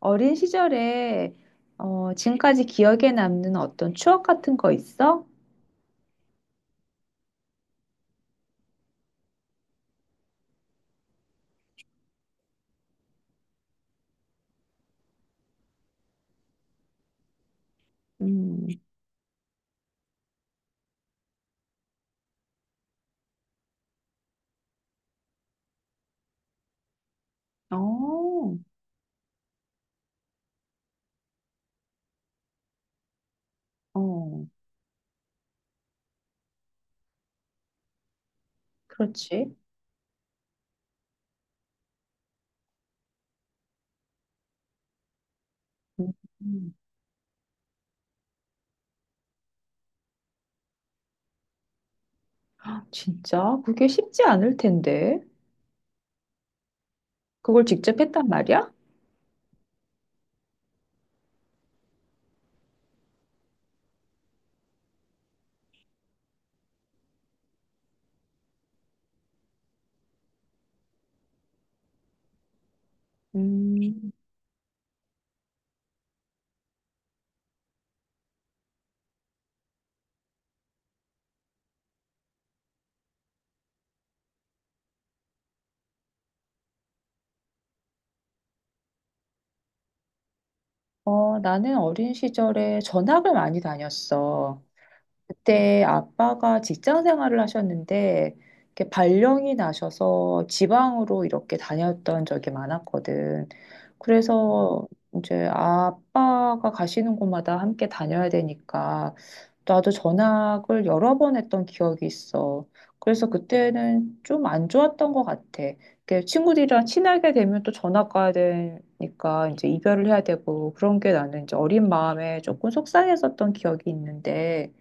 어린 시절에 지금까지 기억에 남는 어떤 추억 같은 거 있어? 음, 어, 어, 그렇지. 음, 음, 아, 진짜? 그게 쉽지 않을 텐데. 그걸 직접 했단 말이야? 음, 나는 어린 시절에 전학을 많이 다녔어. 그때 아빠가 직장 생활을 하셨는데 이렇게 발령이 나셔서 지방으로 이렇게 다녔던 적이 많았거든. 그래서 이제 아빠가 가시는 곳마다 함께 다녀야 되니까 나도 전학을 여러 번 했던 기억이 있어. 그래서 그때는 좀 안 좋았던 것 같아. 이렇게 친구들이랑 친하게 되면 또 전학 가야 되니까 이제 이별을 해야 되고 그런 게 나는 이제 어린 마음에 조금 속상했었던 기억이 있는데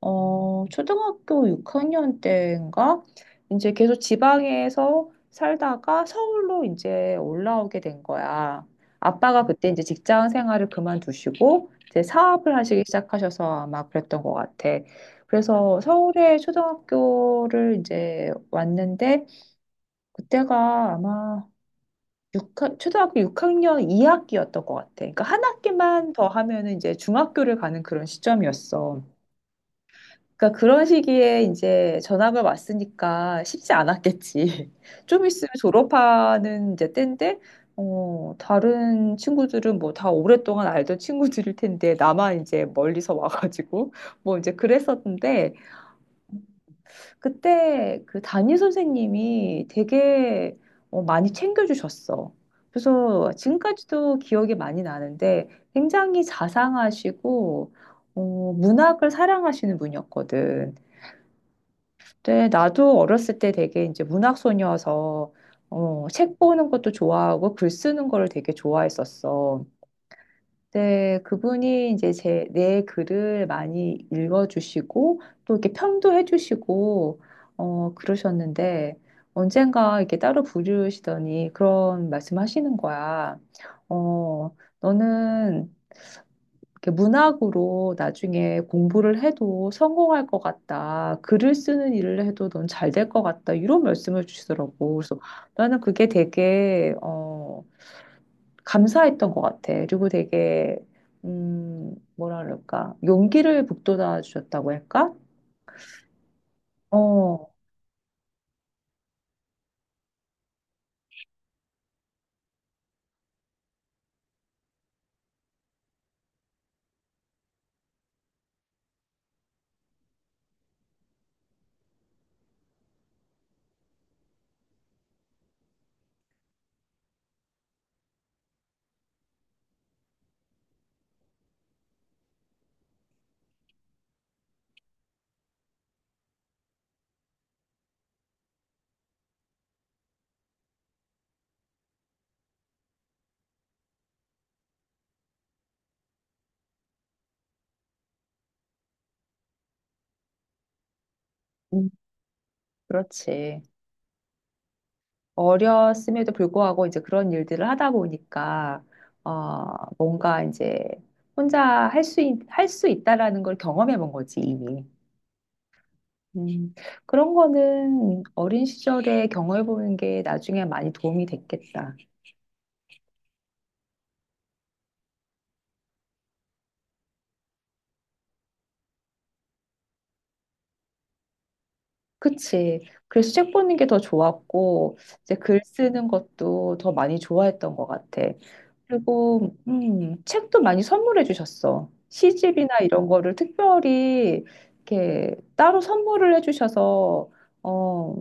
초등학교 6학년 때인가? 이제 계속 지방에서 살다가 서울로 이제 올라오게 된 거야. 아빠가 그때 이제 직장 생활을 그만두시고 이제 사업을 하시기 시작하셔서 아마 그랬던 것 같아. 그래서 서울에 초등학교를 이제 왔는데 그때가 아마 6 초등학교 6학년 2학기였던 것 같아. 그러니까 한 학기만 더 하면은 이제 중학교를 가는 그런 시점이었어. 그러니까 그런 시기에 이제 전학을 왔으니까 쉽지 않았겠지. 좀 있으면 졸업하는 이제 때인데, 다른 친구들은 뭐 다 오랫동안 알던 친구들일 텐데, 나만 이제 멀리서 와가지고, 뭐 이제 그랬었는데, 그때 그 담임 선생님이 되게 많이 챙겨주셨어. 그래서 지금까지도 기억이 많이 나는데, 굉장히 자상하시고, 문학을 사랑하시는 분이었거든. 네, 나도 어렸을 때 되게 이제 문학 소녀여서 책 보는 것도 좋아하고 글 쓰는 거를 되게 좋아했었어. 근데 그분이 이제 내 글을 많이 읽어주시고 또 이렇게 평도 해주시고 그러셨는데 언젠가 이렇게 따로 부르시더니 그런 말씀하시는 거야. 너는 이렇게 문학으로 나중에 공부를 해도 성공할 것 같다. 글을 쓰는 일을 해도 넌 잘 될 것 같다. 이런 말씀을 주시더라고. 그래서 나는 그게 되게, 감사했던 것 같아. 그리고 되게, 뭐라 그럴까. 용기를 북돋아 주셨다고 할까? 어, 음, 그렇지. 어렸음에도 불구하고 이제 그런 일들을 하다 보니까, 어, 뭔가 이제 혼자 할 수, 할 수 있다라는 걸 경험해 본 거지, 이미. 음, 그런 거는 어린 시절에 경험해 보는 게 나중에 많이 도움이 됐겠다. 그치. 그래서 책 보는 게 더 좋았고, 이제 글 쓰는 것도 더 많이 좋아했던 것 같아. 그리고, 책도 많이 선물해 주셨어. 시집이나 이런 거를 특별히 이렇게 따로 선물을 해 주셔서, 어,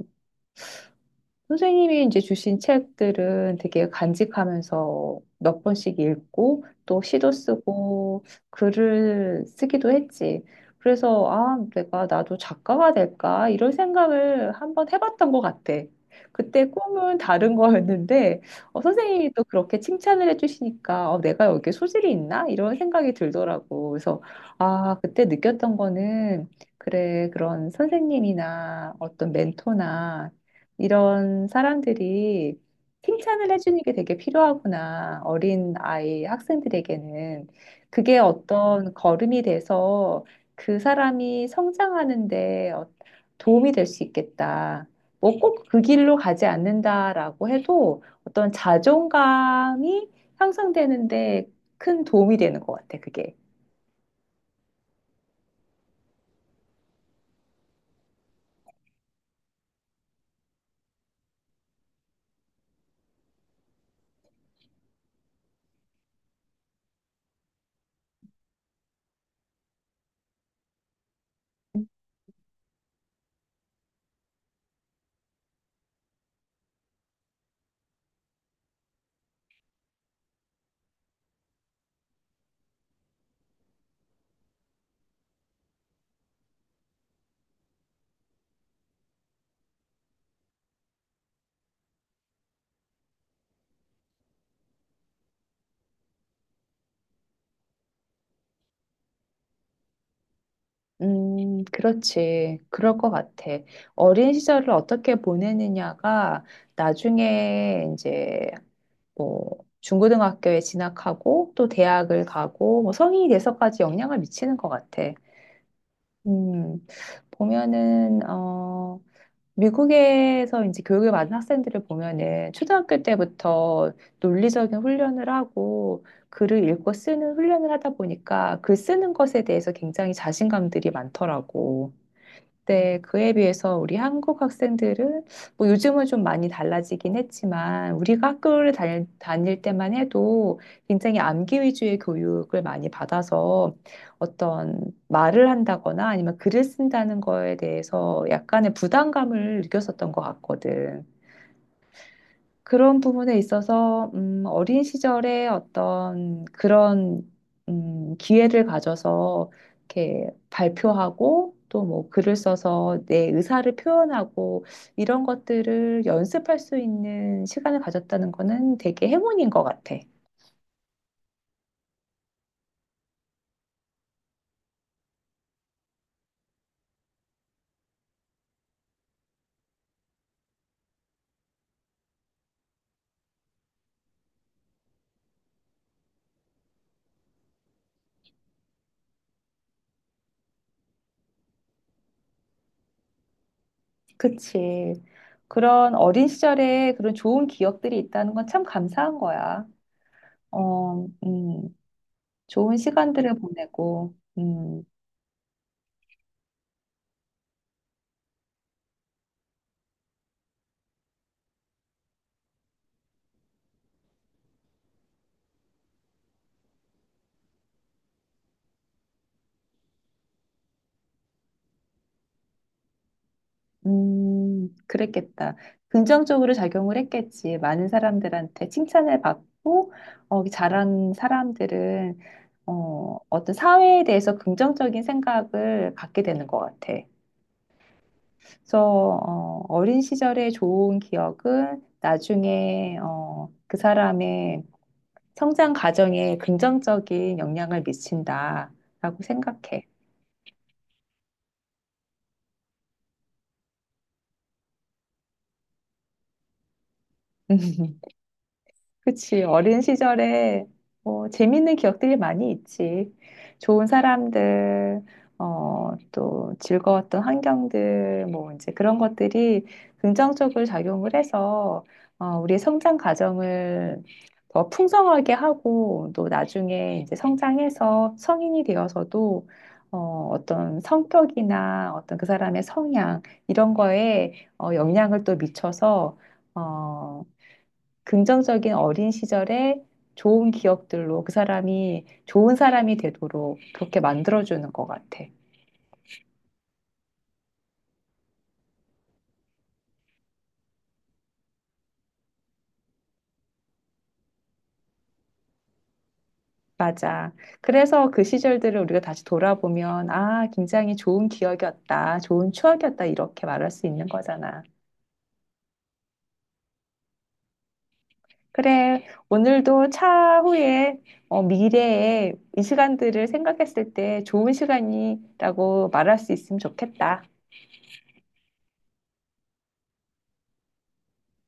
선생님이 이제 주신 책들은 되게 간직하면서 몇 번씩 읽고 또 시도 쓰고 글을 쓰기도 했지. 그래서 아, 내가 나도 작가가 될까? 이런 생각을 한번 해봤던 것 같아. 그때 꿈은 다른 거였는데 선생님이 또 그렇게 칭찬을 해주시니까 내가 여기에 소질이 있나? 이런 생각이 들더라고. 그래서 아, 그때 느꼈던 거는 그래, 그런 선생님이나 어떤 멘토나 이런 사람들이 칭찬을 해주는 게 되게 필요하구나. 어린 아이, 학생들에게는. 그게 어떤 걸음이 돼서 그 사람이 성장하는데 도움이 될 수 있겠다. 뭐 꼭 그 길로 가지 않는다라고 해도 어떤 자존감이 향상되는데 큰 도움이 되는 것 같아, 그게. 그렇지. 그럴 것 같아. 어린 시절을 어떻게 보내느냐가 나중에 이제 뭐 중고등학교에 진학하고 또 대학을 가고 뭐 성인이 돼서까지 영향을 미치는 것 같아. 음, 보면은, 미국에서 이제 교육을 받은 학생들을 보면은 초등학교 때부터 논리적인 훈련을 하고 글을 읽고 쓰는 훈련을 하다 보니까 글 쓰는 것에 대해서 굉장히 자신감들이 많더라고. 네, 그에 비해서 우리 한국 학생들은 뭐 요즘은 좀 많이 달라지긴 했지만 우리가 학교를 다닐 때만 해도 굉장히 암기 위주의 교육을 많이 받아서 어떤 말을 한다거나 아니면 글을 쓴다는 거에 대해서 약간의 부담감을 느꼈었던 것 같거든. 그런 부분에 있어서 어린 시절에 어떤 그런 기회를 가져서 이렇게 발표하고 또 뭐 글을 써서 내 의사를 표현하고 이런 것들을 연습할 수 있는 시간을 가졌다는 거는 되게 행운인 것 같아. 그치. 그런 어린 시절에 그런 좋은 기억들이 있다는 건 참 감사한 거야. 어, 음, 좋은 시간들을 보내고. 그랬겠다. 긍정적으로 작용을 했겠지. 많은 사람들한테 칭찬을 받고, 잘한 사람들은, 어떤 사회에 대해서 긍정적인 생각을 갖게 되는 것 같아. 그래서, 어린 시절의 좋은 기억은 나중에, 그 사람의 성장 과정에 긍정적인 영향을 미친다라고 생각해. 그치. 어린 시절에 뭐 재밌는 기억들이 많이 있지. 좋은 사람들, 또 즐거웠던 환경들, 뭐 이제 그런 것들이 긍정적으로 작용을 해서 우리의 성장 과정을 더 풍성하게 하고 또 나중에 이제 성장해서 성인이 되어서도 어떤 성격이나 어떤 그 사람의 성향 이런 거에 영향을 또 미쳐서 어, 긍정적인 어린 시절에 좋은 기억들로 그 사람이 좋은 사람이 되도록 그렇게 만들어주는 것 같아. 맞아. 그래서 그 시절들을 우리가 다시 돌아보면, 아, 굉장히 좋은 기억이었다, 좋은 추억이었다, 이렇게 말할 수 있는 거잖아. 그래. 오늘도 차후에, 미래에 이 시간들을 생각했을 때 좋은 시간이라고 말할 수 있으면 좋겠다.